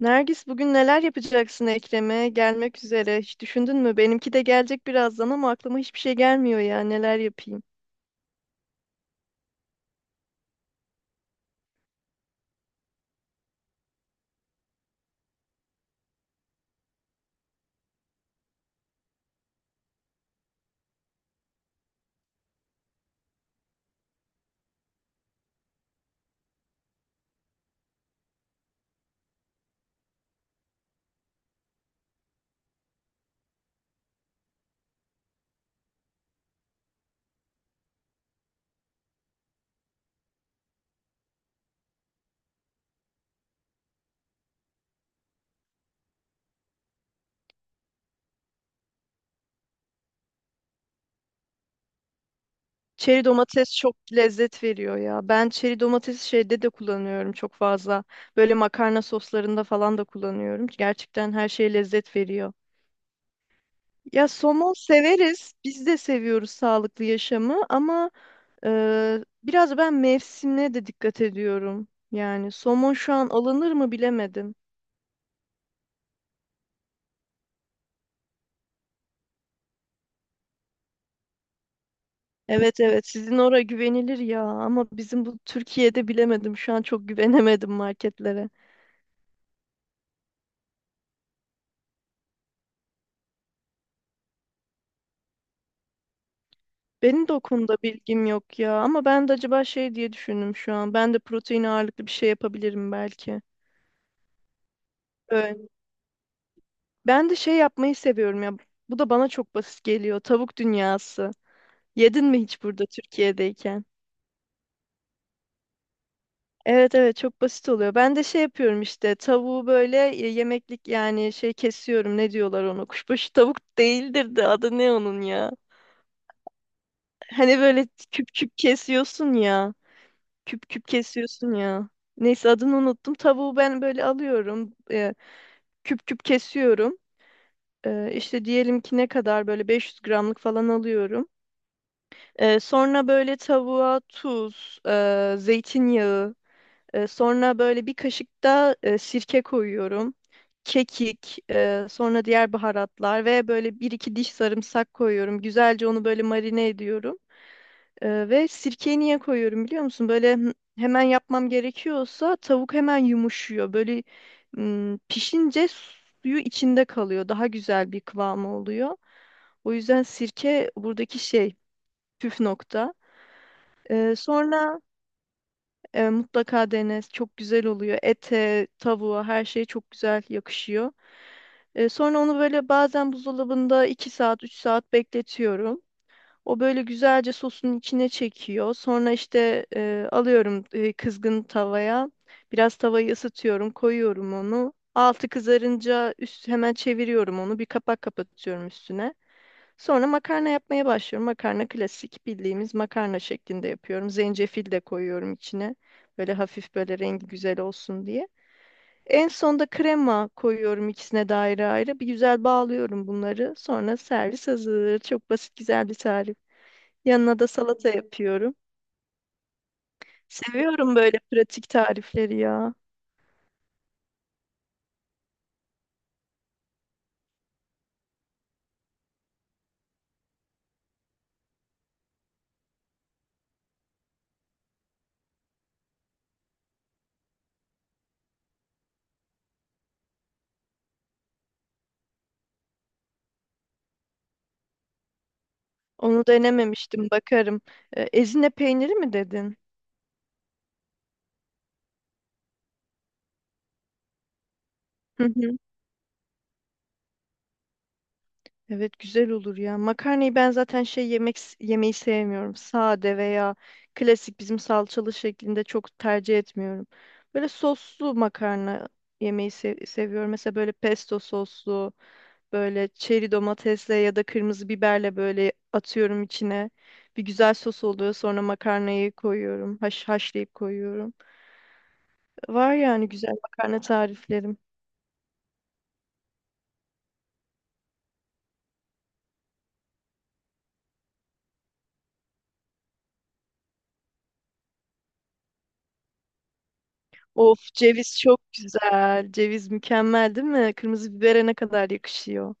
Nergis bugün neler yapacaksın Ekrem'e? Gelmek üzere. Hiç düşündün mü? Benimki de gelecek birazdan ama aklıma hiçbir şey gelmiyor ya. Neler yapayım? Çeri domates çok lezzet veriyor ya. Ben çeri domatesi şeyde de kullanıyorum çok fazla. Böyle makarna soslarında falan da kullanıyorum. Gerçekten her şey lezzet veriyor. Ya somon severiz. Biz de seviyoruz sağlıklı yaşamı ama biraz ben mevsimine de dikkat ediyorum. Yani somon şu an alınır mı bilemedim. Evet, evet, sizin oraya güvenilir ya ama bizim bu Türkiye'de bilemedim, şu an çok güvenemedim marketlere. Benim de o konuda bilgim yok ya ama ben de acaba şey diye düşündüm, şu an ben de protein ağırlıklı bir şey yapabilirim belki. Öyle. Ben de şey yapmayı seviyorum ya, bu da bana çok basit geliyor, tavuk dünyası. Yedin mi hiç burada Türkiye'deyken? Evet, evet, çok basit oluyor. Ben de şey yapıyorum işte, tavuğu böyle yemeklik yani şey kesiyorum, ne diyorlar ona, kuşbaşı tavuk değildir de adı ne onun ya? Hani böyle küp küp kesiyorsun ya. Küp küp kesiyorsun ya. Neyse, adını unuttum. Tavuğu ben böyle alıyorum. Küp küp kesiyorum. İşte diyelim ki, ne kadar böyle 500 gramlık falan alıyorum. Sonra böyle tavuğa tuz, zeytinyağı, sonra böyle bir kaşık da sirke koyuyorum. Kekik, sonra diğer baharatlar ve böyle bir iki diş sarımsak koyuyorum. Güzelce onu böyle marine ediyorum. Ve sirkeyi niye koyuyorum biliyor musun? Böyle hemen yapmam gerekiyorsa tavuk hemen yumuşuyor. Böyle pişince suyu içinde kalıyor. Daha güzel bir kıvamı oluyor. O yüzden sirke buradaki şey, püf nokta. Sonra mutlaka dene. Çok güzel oluyor. Ete, tavuğa her şey çok güzel yakışıyor. Sonra onu böyle bazen buzdolabında 2 saat, 3 saat bekletiyorum. O böyle güzelce sosun içine çekiyor. Sonra işte alıyorum kızgın tavaya. Biraz tavayı ısıtıyorum, koyuyorum onu. Altı kızarınca üst hemen çeviriyorum onu. Bir kapak kapatıyorum üstüne. Sonra makarna yapmaya başlıyorum. Makarna klasik, bildiğimiz makarna şeklinde yapıyorum. Zencefil de koyuyorum içine. Böyle hafif, böyle rengi güzel olsun diye. En sonda krema koyuyorum ikisine de ayrı ayrı. Bir güzel bağlıyorum bunları. Sonra servis hazır. Çok basit, güzel bir tarif. Yanına da salata yapıyorum. Seviyorum böyle pratik tarifleri ya. Onu denememiştim, bakarım. Ezine peyniri mi dedin? Hı hı. Evet, güzel olur ya. Makarnayı ben zaten şey, yemek yemeyi sevmiyorum. Sade veya klasik, bizim salçalı şeklinde çok tercih etmiyorum. Böyle soslu makarna yemeyi seviyorum. Mesela böyle pesto soslu. Böyle çeri domatesle ya da kırmızı biberle böyle atıyorum içine. Bir güzel sos oluyor. Sonra makarnayı koyuyorum. Haşlayıp koyuyorum. Var yani güzel makarna tariflerim. Of, ceviz çok güzel. Ceviz mükemmel, değil mi? Kırmızı bibere ne kadar yakışıyor.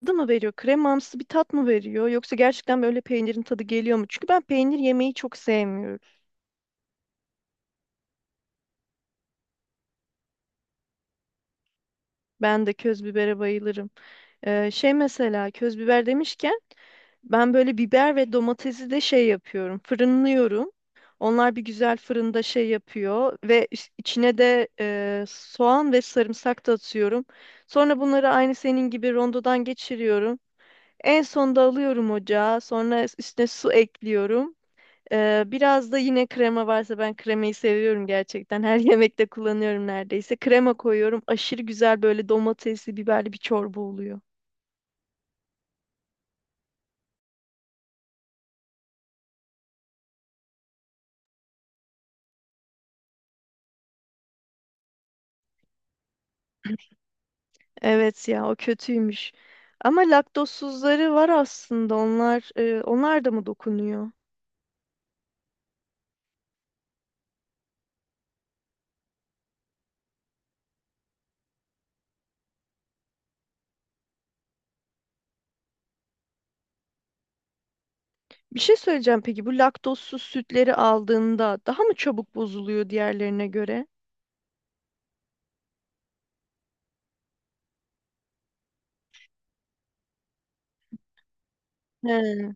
Tadı mı veriyor? Kremamsı bir tat mı veriyor? Yoksa gerçekten böyle peynirin tadı geliyor mu? Çünkü ben peynir yemeyi çok sevmiyorum. Ben de köz bibere bayılırım. Şey mesela, köz biber demişken, ben böyle biber ve domatesi de şey yapıyorum. Fırınlıyorum. Onlar bir güzel fırında şey yapıyor ve içine de soğan ve sarımsak da atıyorum. Sonra bunları aynı senin gibi rondodan geçiriyorum. En sonda alıyorum ocağa. Sonra üstüne su ekliyorum. Biraz da yine krema varsa, ben kremayı seviyorum gerçekten. Her yemekte kullanıyorum neredeyse. Krema koyuyorum. Aşırı güzel, böyle domatesli, biberli bir çorba oluyor. Evet ya, o kötüymüş. Ama laktozsuzları var aslında. Onlar da mı dokunuyor? Bir şey söyleyeceğim, peki bu laktozsuz sütleri aldığında daha mı çabuk bozuluyor diğerlerine göre? He,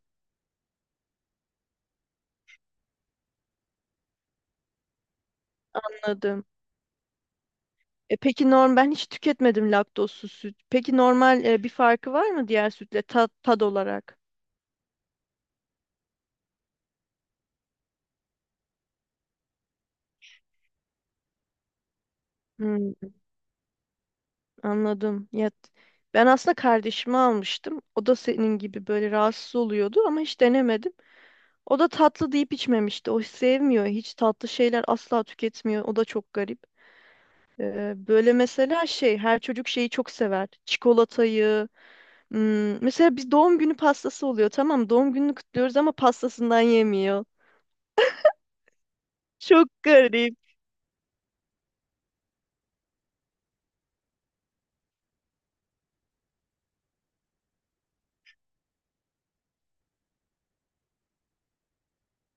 anladım. Peki ben hiç tüketmedim laktozsuz süt. Peki normal, bir farkı var mı diğer sütle, tad olarak? Hmm, anladım. Ya, ben aslında kardeşimi almıştım. O da senin gibi böyle rahatsız oluyordu ama hiç denemedim. O da tatlı deyip içmemişti. O sevmiyor. Hiç tatlı şeyler asla tüketmiyor. O da çok garip. Böyle mesela şey, her çocuk şeyi çok sever. Çikolatayı. Mesela biz, doğum günü pastası oluyor. Tamam, doğum gününü kutluyoruz ama pastasından yemiyor. Çok garip.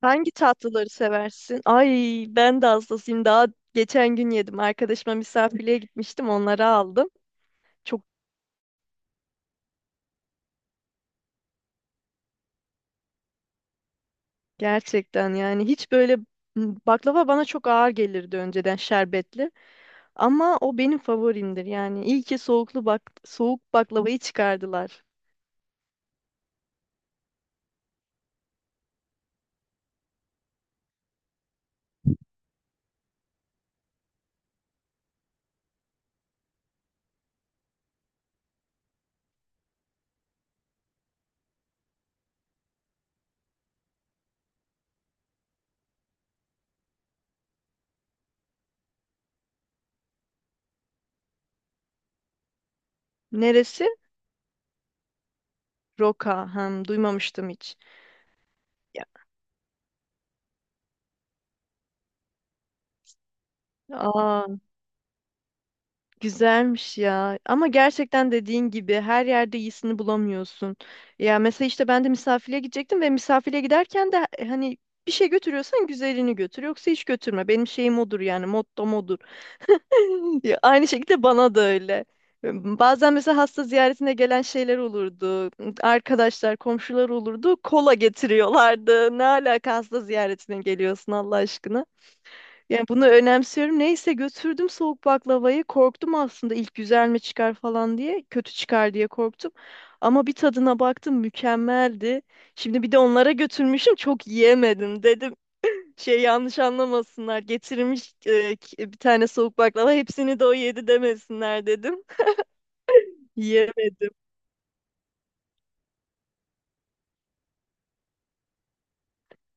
Hangi tatlıları seversin? Ay, ben de hastasıyım. Daha geçen gün yedim. Arkadaşıma misafirliğe gitmiştim. Onları aldım. Çok gerçekten yani, hiç böyle, baklava bana çok ağır gelirdi önceden, şerbetli. Ama o benim favorimdir yani. İyi ki soğuk baklavayı çıkardılar. Neresi? Roka. Hem duymamıştım hiç. Ya, aa, güzelmiş ya. Ama gerçekten dediğin gibi her yerde iyisini bulamıyorsun. Ya mesela işte ben de misafire gidecektim ve misafire giderken de hani, bir şey götürüyorsan güzelini götür. Yoksa hiç götürme. Benim şeyim odur yani, mottom odur. Ya, aynı şekilde bana da öyle. Bazen mesela hasta ziyaretine gelen şeyler olurdu. Arkadaşlar, komşular olurdu. Kola getiriyorlardı. Ne alaka hasta ziyaretine geliyorsun Allah aşkına. Yani, bunu önemsiyorum. Neyse, götürdüm soğuk baklavayı. Korktum aslında ilk, güzel mi çıkar falan diye. Kötü çıkar diye korktum. Ama bir tadına baktım, mükemmeldi. Şimdi bir de onlara götürmüşüm, çok yiyemedim dedim. Şey, yanlış anlamasınlar. Getirmiş bir tane soğuk baklava. Hepsini de o yedi demesinler dedim. Yiyemedim.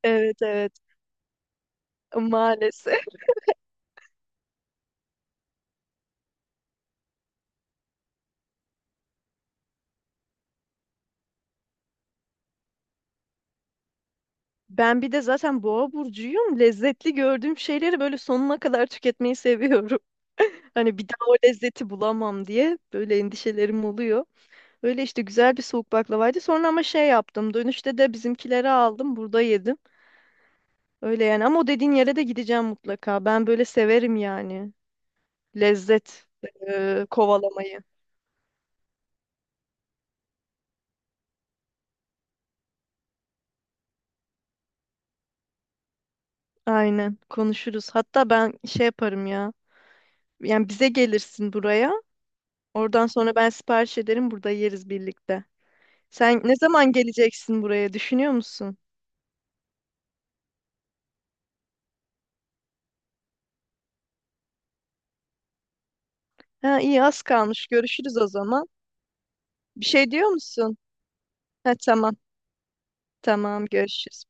Evet, evet. Maalesef. Ben bir de zaten boğa burcuyum. Lezzetli gördüğüm şeyleri böyle sonuna kadar tüketmeyi seviyorum. Hani bir daha o lezzeti bulamam diye böyle endişelerim oluyor. Öyle işte, güzel bir soğuk baklavaydı. Sonra ama şey yaptım. Dönüşte de bizimkileri aldım. Burada yedim. Öyle yani. Ama o dediğin yere de gideceğim mutlaka. Ben böyle severim yani. Lezzet kovalamayı. Aynen, konuşuruz. Hatta ben şey yaparım ya. Yani bize gelirsin buraya. Oradan sonra ben sipariş ederim, burada yeriz birlikte. Sen ne zaman geleceksin buraya, düşünüyor musun? Ha, iyi, az kalmış. Görüşürüz o zaman. Bir şey diyor musun? Ha, tamam. Tamam, görüşürüz.